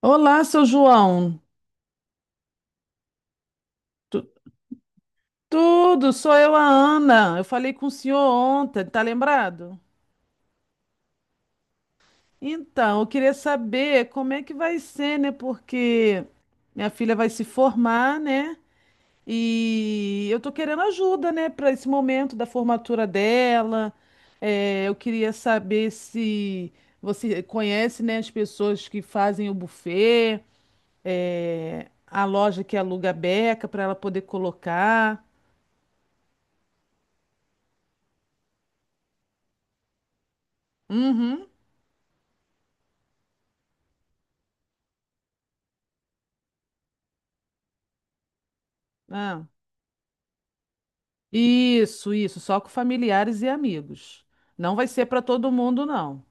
Olá, seu João. Tu- tudo, sou eu, a Ana. Eu falei com o senhor ontem, tá lembrado? Então, eu queria saber como é que vai ser, né? Porque minha filha vai se formar, né? E eu tô querendo ajuda, né, para esse momento da formatura dela. Eu queria saber se você conhece, né, as pessoas que fazem o buffet, a loja que aluga a beca para ela poder colocar. Uhum. Ah, isso, só com familiares e amigos. Não vai ser para todo mundo, não.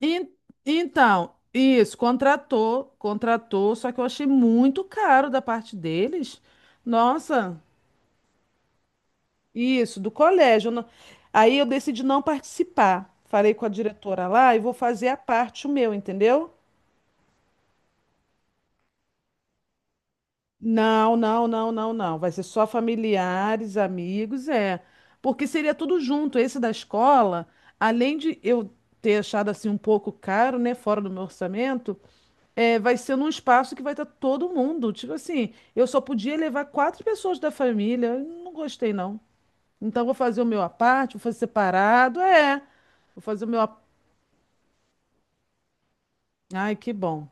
En- então, isso, contratou, contratou, só que eu achei muito caro da parte deles. Nossa, isso, do colégio. Eu não- Aí eu decidi não participar. Falei com a diretora lá e vou fazer a parte o meu, entendeu? Não, não, não, não, não. Vai ser só familiares, amigos, é. Porque seria tudo junto. Esse da escola, além de eu ter achado assim um pouco caro, né, fora do meu orçamento, é, vai ser num espaço que vai estar todo mundo. Tipo assim, eu só podia levar 4 pessoas da família. Eu não gostei, não. Então vou fazer o meu à parte, vou fazer separado, é. Vou fazer o meu. À- Ai, que bom.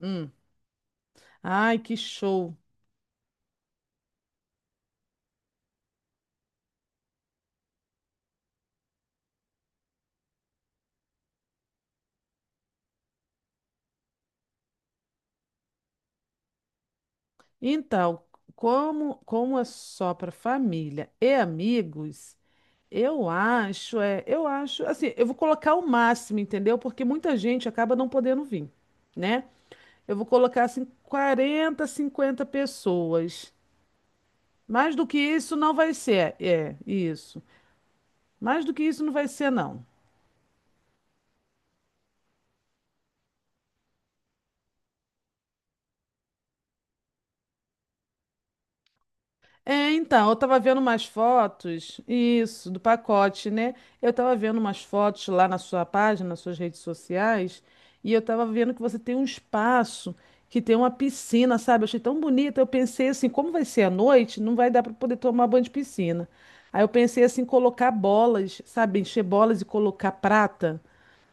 Hum. Ai, que show. Então, como é só para família e amigos, eu acho, é, eu acho, assim, eu vou colocar o máximo, entendeu? Porque muita gente acaba não podendo vir, né? Eu vou colocar assim 40, 50 pessoas. Mais do que isso não vai ser, é, isso. Mais do que isso não vai ser, não. É, então, eu tava vendo umas fotos, isso, do pacote, né? Eu tava vendo umas fotos lá na sua página, nas suas redes sociais, e eu tava vendo que você tem um espaço que tem uma piscina, sabe? Eu achei tão bonita. Eu pensei assim, como vai ser à noite, não vai dar para poder tomar banho de piscina. Aí eu pensei assim, colocar bolas, sabe? Encher bolas e colocar prata,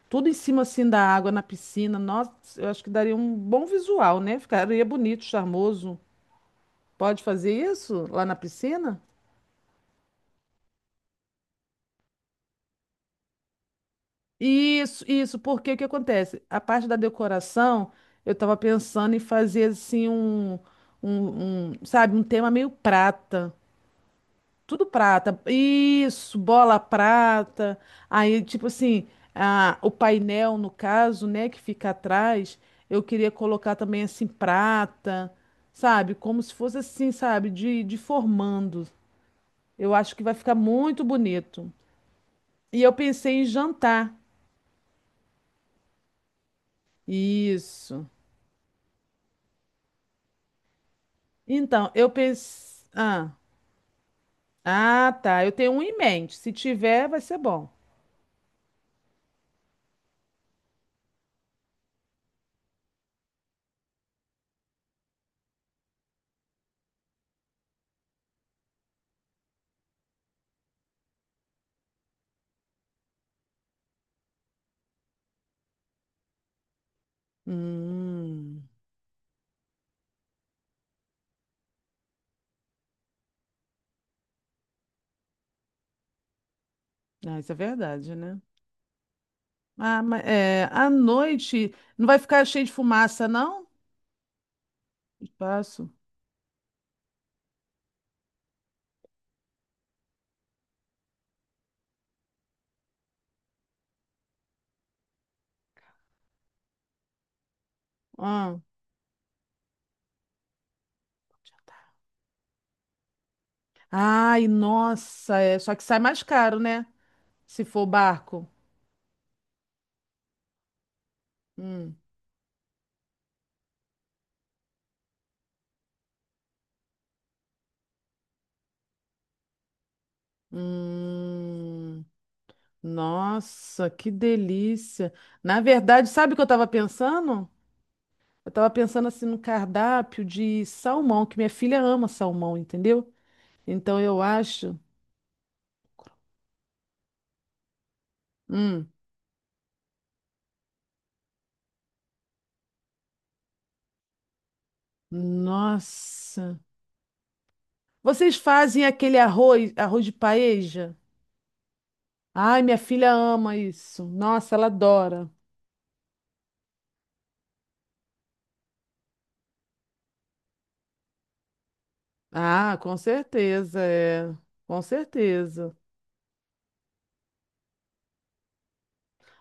tudo em cima assim da água na piscina. Nossa, eu acho que daria um bom visual, né? Ficaria bonito, charmoso. Pode fazer isso lá na piscina? Isso, porque o que acontece? A parte da decoração, eu estava pensando em fazer assim um, sabe, um tema meio prata. Tudo prata. Isso, bola prata. Aí, tipo assim, o painel, no caso, né, que fica atrás, eu queria colocar também assim prata, sabe? Como se fosse assim, sabe, de formando. Eu acho que vai ficar muito bonito. E eu pensei em jantar. Isso. Então, eu pensei. Ah, ah, tá. Eu tenho um em mente. Se tiver, vai ser bom. Hum. Ah, isso é verdade, né? Ah, mas é, à noite não vai ficar cheio de fumaça, não? Espaço. Ah. Ai, nossa, é. Só que sai mais caro, né? Se for barco. Hum. Hum. Nossa, que delícia. Na verdade, sabe o que eu estava pensando? Eu tava pensando assim no cardápio de salmão, que minha filha ama salmão, entendeu? Então eu acho. Hum, nossa. Vocês fazem aquele arroz de paeja? Ai, minha filha ama isso. Nossa, ela adora. Ah, com certeza, é. Com certeza.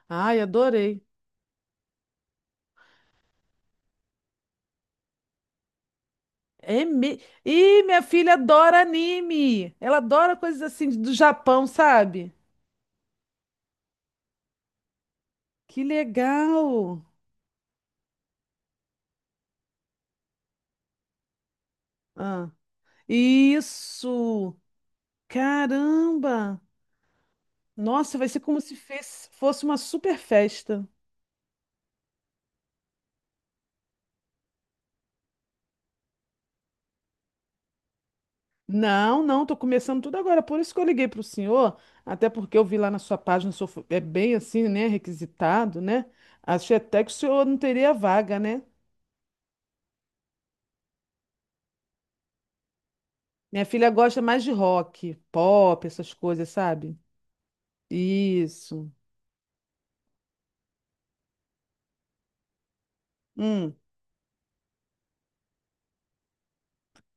Ai, adorei. É me... Ih, minha filha adora anime. Ela adora coisas assim do Japão, sabe? Que legal. Ah, isso. Caramba! Nossa, vai ser como se fez- fosse uma super festa. Não, não, tô começando tudo agora. Por isso que eu liguei pro senhor, até porque eu vi lá na sua página, é bem assim, né? Requisitado, né? Achei até que o senhor não teria vaga, né? Minha filha gosta mais de rock, pop, essas coisas, sabe? Isso. Hum.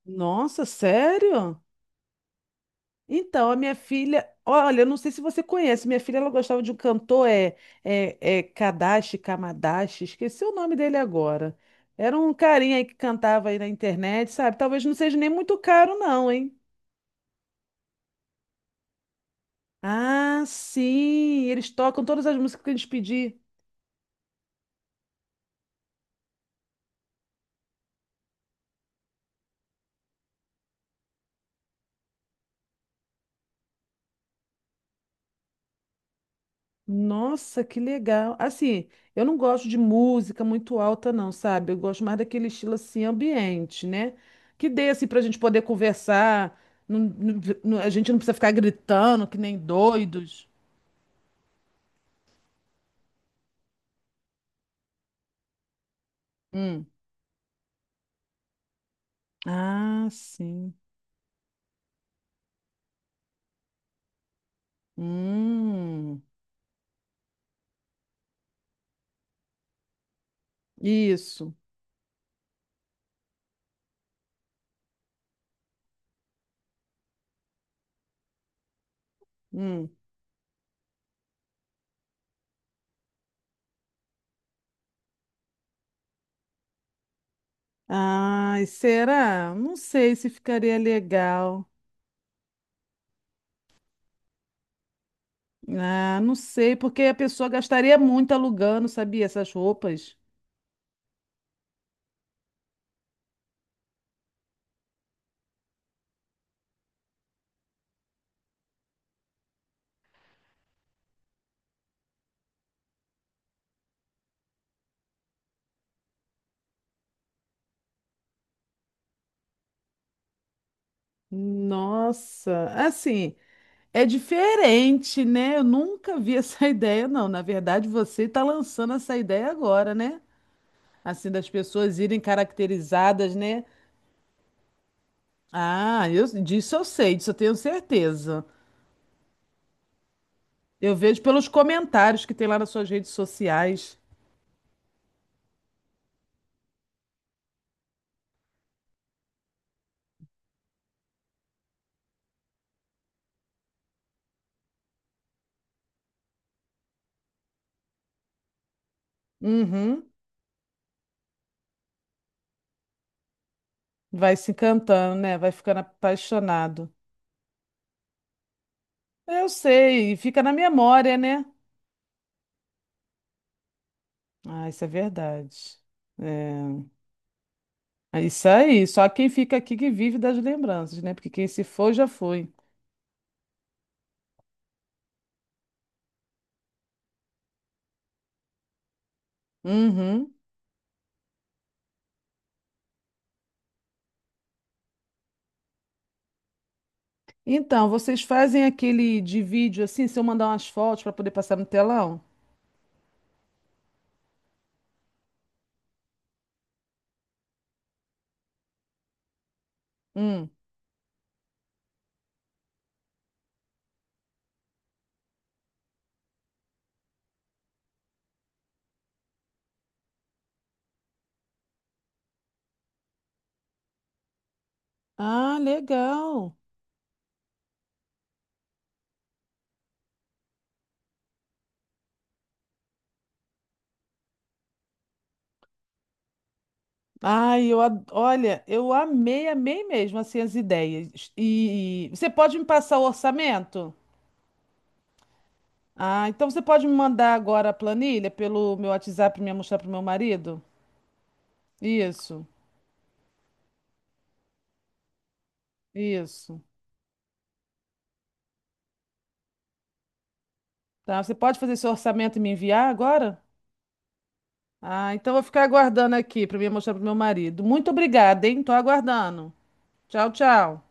Nossa, sério? Então, a minha filha, olha, eu não sei se você conhece, minha filha ela gostava de um cantor, é Kadashi, Kamadashi, esqueci o nome dele agora. Era um carinha aí que cantava aí na internet, sabe? Talvez não seja nem muito caro, não, hein? Ah, sim, eles tocam todas as músicas que a gente pedir. Nossa, que legal. Assim, eu não gosto de música muito alta, não, sabe? Eu gosto mais daquele estilo assim, ambiente, né? Que dê assim pra gente poder conversar. A gente não precisa ficar gritando que nem doidos. Hum. Ah, sim. Hum. Isso. Hum. Ai, será? Não sei se ficaria legal. Ah, não sei, porque a pessoa gastaria muito alugando, sabia? Essas roupas. Nossa, assim, é diferente, né? Eu nunca vi essa ideia, não. Na verdade, você está lançando essa ideia agora, né? Assim, das pessoas irem caracterizadas, né? Ah, eu, disso eu sei, disso eu tenho certeza. Eu vejo pelos comentários que tem lá nas suas redes sociais. Uhum. Vai se encantando, né? Vai ficando apaixonado. Eu sei, e fica na memória, né? Ah, isso é verdade. É. É isso aí. Só quem fica aqui que vive das lembranças, né? Porque quem se foi, já foi. Uhum. Então, vocês fazem aquele de vídeo assim, se eu mandar umas fotos para poder passar no telão? Hum. Ah, legal. Olha, amei mesmo assim as ideias. E você pode me passar o orçamento? Ah, então você pode me mandar agora a planilha pelo meu WhatsApp e me mostrar para meu marido? Isso, isso. Tá, você pode fazer seu orçamento e me enviar agora? Ah, então vou ficar aguardando aqui para mim mostrar pro meu marido. Muito obrigada, hein? Tô aguardando. Tchau, tchau.